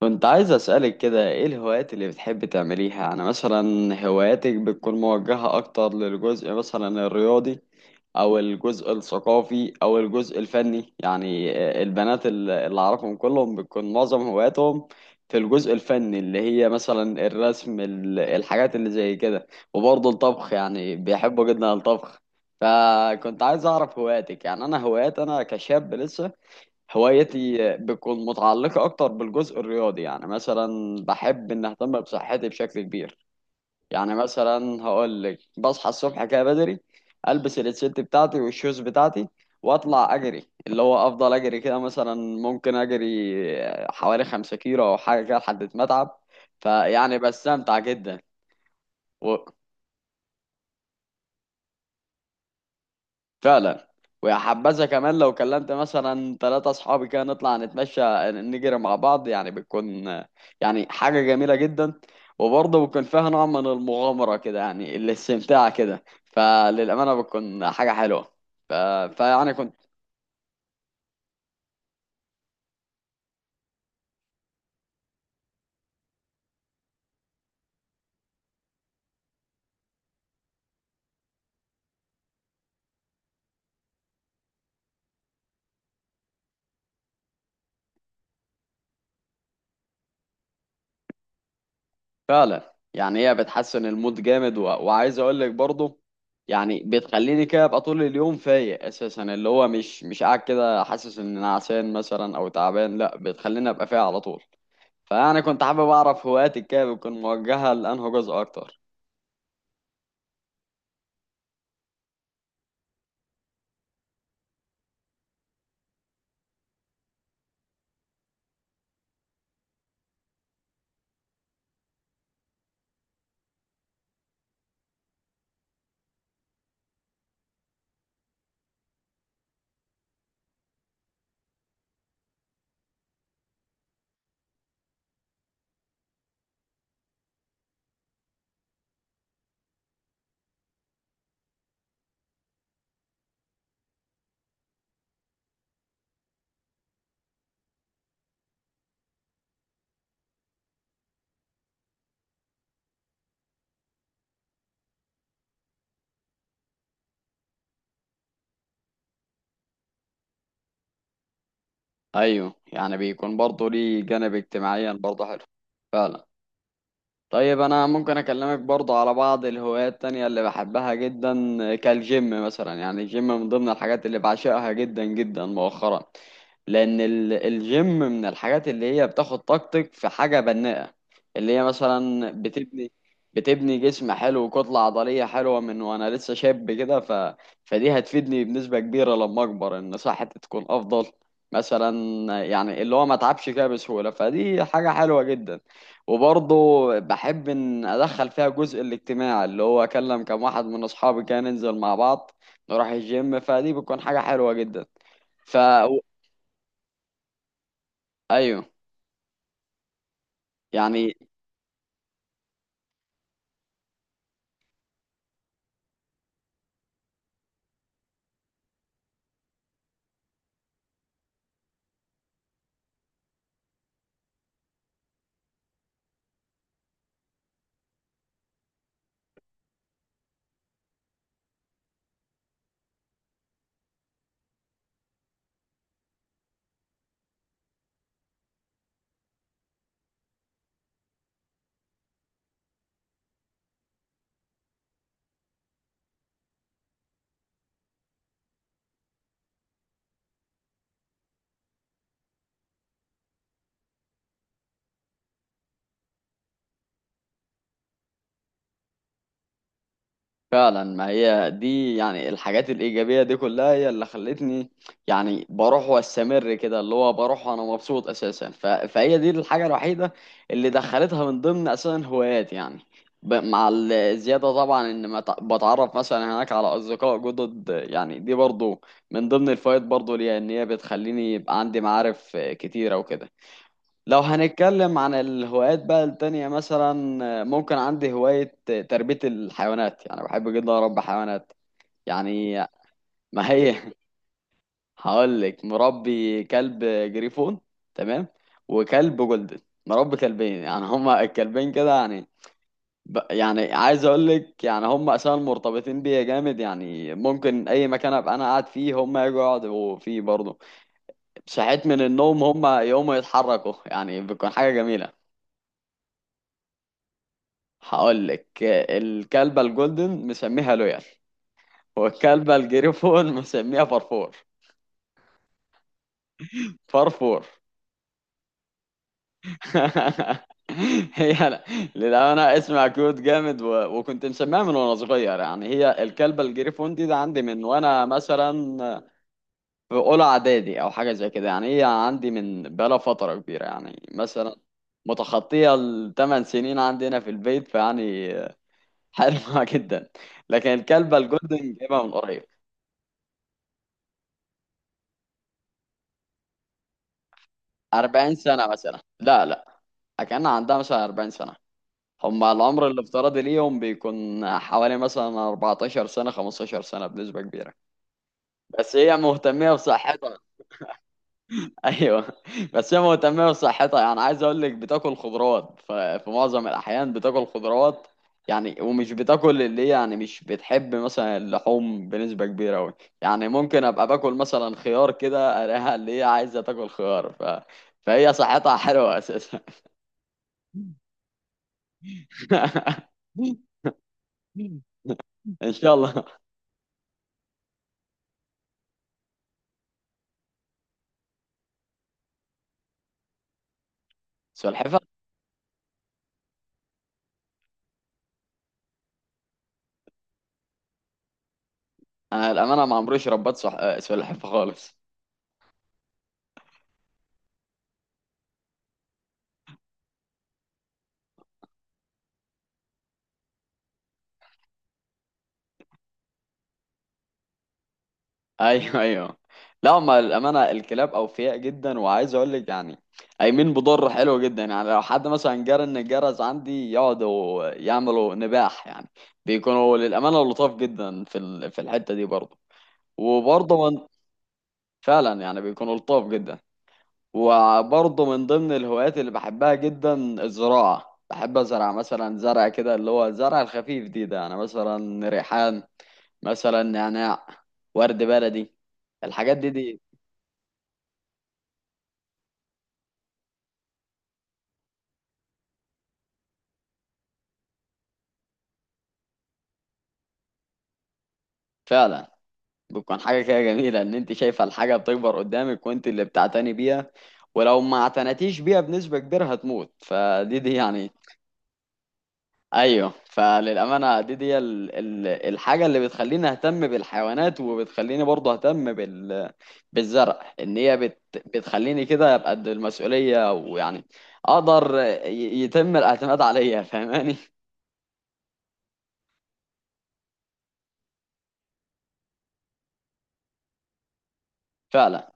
كنت عايز أسألك كده ايه الهوايات اللي بتحب تعمليها؟ انا مثلا هواياتك بتكون موجهة اكتر للجزء مثلا الرياضي او الجزء الثقافي او الجزء الفني. يعني البنات اللي اعرفهم كلهم بتكون معظم هواياتهم في الجزء الفني اللي هي مثلا الرسم، الحاجات اللي زي كده. وبرضه الطبخ، يعني بيحبوا جدا الطبخ. فكنت عايز اعرف هواياتك. يعني انا هوايات انا كشاب لسه هوايتي بتكون متعلقة أكتر بالجزء الرياضي. يعني مثلا بحب إن أهتم بصحتي بشكل كبير. يعني مثلا هقول لك بصحى الصبح كده بدري، ألبس الست بتاعتي والشوز بتاعتي وأطلع أجري، اللي هو أفضل أجري كده، مثلا ممكن أجري حوالي خمسة كيلو أو حاجة كده لحد ما أتعب. فيعني بستمتع جدا. فعلا. ويا حبذا كمان لو كلمت مثلا ثلاثة أصحابي كده نطلع نتمشى نجري مع بعض، يعني بتكون يعني حاجة جميلة جدا. وبرضه بتكون فيها نوع من المغامرة كده، يعني الاستمتاع كده. فللأمانة بتكون حاجة حلوة. ف... فيعني كنت فعلا يعني هي بتحسن المود جامد، وعايز أقول لك برضه يعني بتخليني كده أبقى طول اليوم فايق أساسا، اللي هو مش قاعد كده حاسس إن أنا عسان مثلا أو تعبان. لأ، بتخليني أبقى فايق على طول. فانا كنت حابب اعرف هواياتك كده بتكون موجهه لانه جزء اكتر. ايوه، يعني بيكون برضه ليه جانب اجتماعيا برضه حلو. فعلا. طيب، انا ممكن اكلمك برضه على بعض الهوايات التانية اللي بحبها جدا. كالجيم مثلا، يعني الجيم من ضمن الحاجات اللي بعشقها جدا جدا مؤخرا. لان الجيم من الحاجات اللي هي بتاخد طاقتك في حاجة بناءة، اللي هي مثلا بتبني جسم حلو وكتلة عضلية حلوة من وانا لسه شاب كده. فدي هتفيدني بنسبة كبيرة لما اكبر ان صحتي تكون افضل مثلا. يعني اللي هو ما اتعبش كده بسهولة. فدي حاجة حلوة جدا. وبرضه بحب ان ادخل فيها جزء الاجتماع، اللي هو اكلم كم واحد من اصحابي كده ننزل مع بعض نروح الجيم، فدي بتكون حاجة حلوة جدا. ف ايوه، يعني فعلا. ما هي دي يعني الحاجات الإيجابية دي كلها هي اللي خلتني، يعني بروح وأستمر كده، اللي هو بروح وأنا مبسوط أساسا. فهي دي الحاجة الوحيدة اللي دخلتها من ضمن أساسا هوايات يعني. مع الزيادة طبعا إن ما ت- بتعرف مثلا هناك على أصدقاء جدد. يعني دي برضو من ضمن الفوائد برضو ليها، إن هي بتخليني يبقى عندي معارف كتيرة وكده. لو هنتكلم عن الهوايات بقى التانية مثلا، ممكن عندي هواية تربية الحيوانات. يعني بحب جدا أربي حيوانات يعني. ما هي هقول لك. مربي كلب جريفون، تمام؟ وكلب جولدن. مربي كلبين، يعني هما الكلبين كده. يعني يعني عايز اقول لك يعني هما اساسا مرتبطين بيا جامد. يعني ممكن اي مكان ابقى انا قاعد فيه هما يجوا يقعدوا فيه برضه. صحيت من النوم هما يقوموا يتحركوا. يعني بتكون حاجة جميلة. هقول لك، الكلبة الجولدن مسميها لويال، والكلبة الجريفون مسميها فرفور. فرفور هي لا، للأمانة اسمها كيوت جامد، وكنت مسميها من وأنا صغير. يعني هي الكلبة الجريفون دي ده عندي من وأنا مثلا في أولى إعدادي أو حاجة زي كده. يعني هي عندي من بقالها فترة كبيرة، يعني مثلا متخطية الثمان سنين عندنا في البيت. فيعني حلوة جدا. لكن الكلبة الجولدن جايبها من قريب. 40 سنة مثلا، لا لا. كان عندها مثلا 40 سنة. هم العمر الافتراضي ليهم بيكون حوالي مثلا 14 سنة 15 سنة بنسبة كبيرة. بس هي مهتمة بصحتها. ايوه، بس هي مهتمة بصحتها. يعني عايز اقول لك بتاكل خضروات، في معظم الاحيان بتاكل خضروات. يعني ومش بتاكل اللي هي، يعني مش بتحب مثلا اللحوم بنسبة كبيرة أوي. يعني ممكن أبقى باكل مثلا خيار كده ألاقيها اللي هي عايزة تاكل خيار. فهي صحتها حلوة أساسا. ان شاء الله. سلحفاه. انا الامانه ما عمريش ربيت سلحفاه خالص. ايوه ايوه. لا هما الامانه الكلاب اوفياء جدا. وعايز اقول لك يعني قايمين بضر حلو جدا. يعني لو حد مثلا جرى ان الجرس عندي يقعدوا يعملوا نباح. يعني بيكونوا للامانه لطاف جدا في في الحته دي برضه. وبرضه من... فعلا يعني بيكونوا لطاف جدا. وبرضه من ضمن الهوايات اللي بحبها جدا الزراعة. بحب أزرع مثلا زرع كده، اللي هو الزرع الخفيف دي ده، يعني مثلا ريحان، مثلا نعناع، ورد بلدي، الحاجات دي. فعلا بتكون حاجة كده جميلة إن أنت شايفة الحاجة بتكبر قدامك وأنت اللي بتعتني بيها. ولو ما اعتنتيش بيها بنسبة كبيرة هتموت. فدي يعني، ايوه. فللامانه دي الحاجه اللي بتخليني اهتم بالحيوانات وبتخليني برضه اهتم بالزرع. ان هي بتخليني كده ابقى قد المسؤوليه ويعني اقدر يتم الاعتماد عليا فاهماني؟ فعلا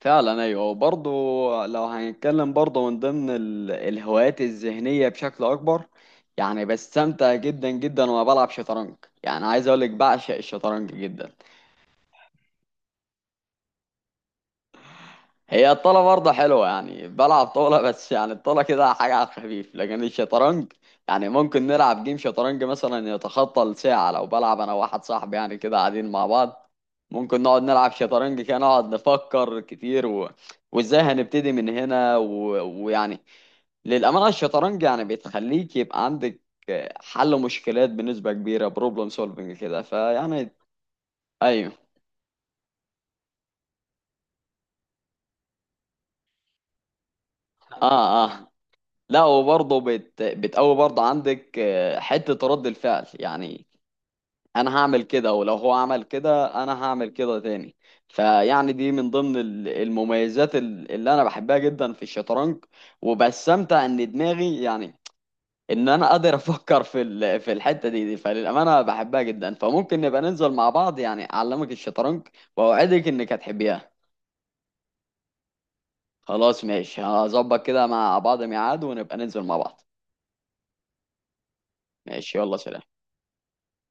فعلا ايوه. وبرضه لو هنتكلم برضه من ضمن الهوايات الذهنيه بشكل اكبر، يعني بستمتع جدا جدا وانا بلعب شطرنج. يعني عايز اقول لك بعشق الشطرنج جدا. هي الطاولة برضه حلوة، يعني بلعب طاولة، بس يعني الطاولة كده حاجة على الخفيف لكن الشطرنج، يعني ممكن نلعب جيم شطرنج مثلا يتخطى الساعة لو بلعب أنا وواحد صاحبي. يعني كده قاعدين مع بعض ممكن نقعد نلعب شطرنج كده نقعد نفكر كتير، وإزاي هنبتدي من هنا، ويعني للأمانة الشطرنج يعني بتخليك يبقى عندك حل مشكلات بنسبة كبيرة، بروبلم سولفنج كده. فيعني أيوه. آه آه. لا، وبرضه بتقوي برضه عندك حتة رد الفعل. يعني أنا هعمل كده، ولو هو عمل كده أنا هعمل كده تاني. فيعني دي من ضمن المميزات اللي أنا بحبها جدا في الشطرنج. وبستمتع إن دماغي يعني، إن أنا قادر أفكر في في الحتة دي. فللأمانة بحبها جدا، فممكن نبقى ننزل مع بعض يعني أعلمك الشطرنج وأوعدك إنك هتحبيها. خلاص، ماشي، هظبط كده مع بعض ميعاد ونبقى ننزل مع بعض. ماشي يلا سلام.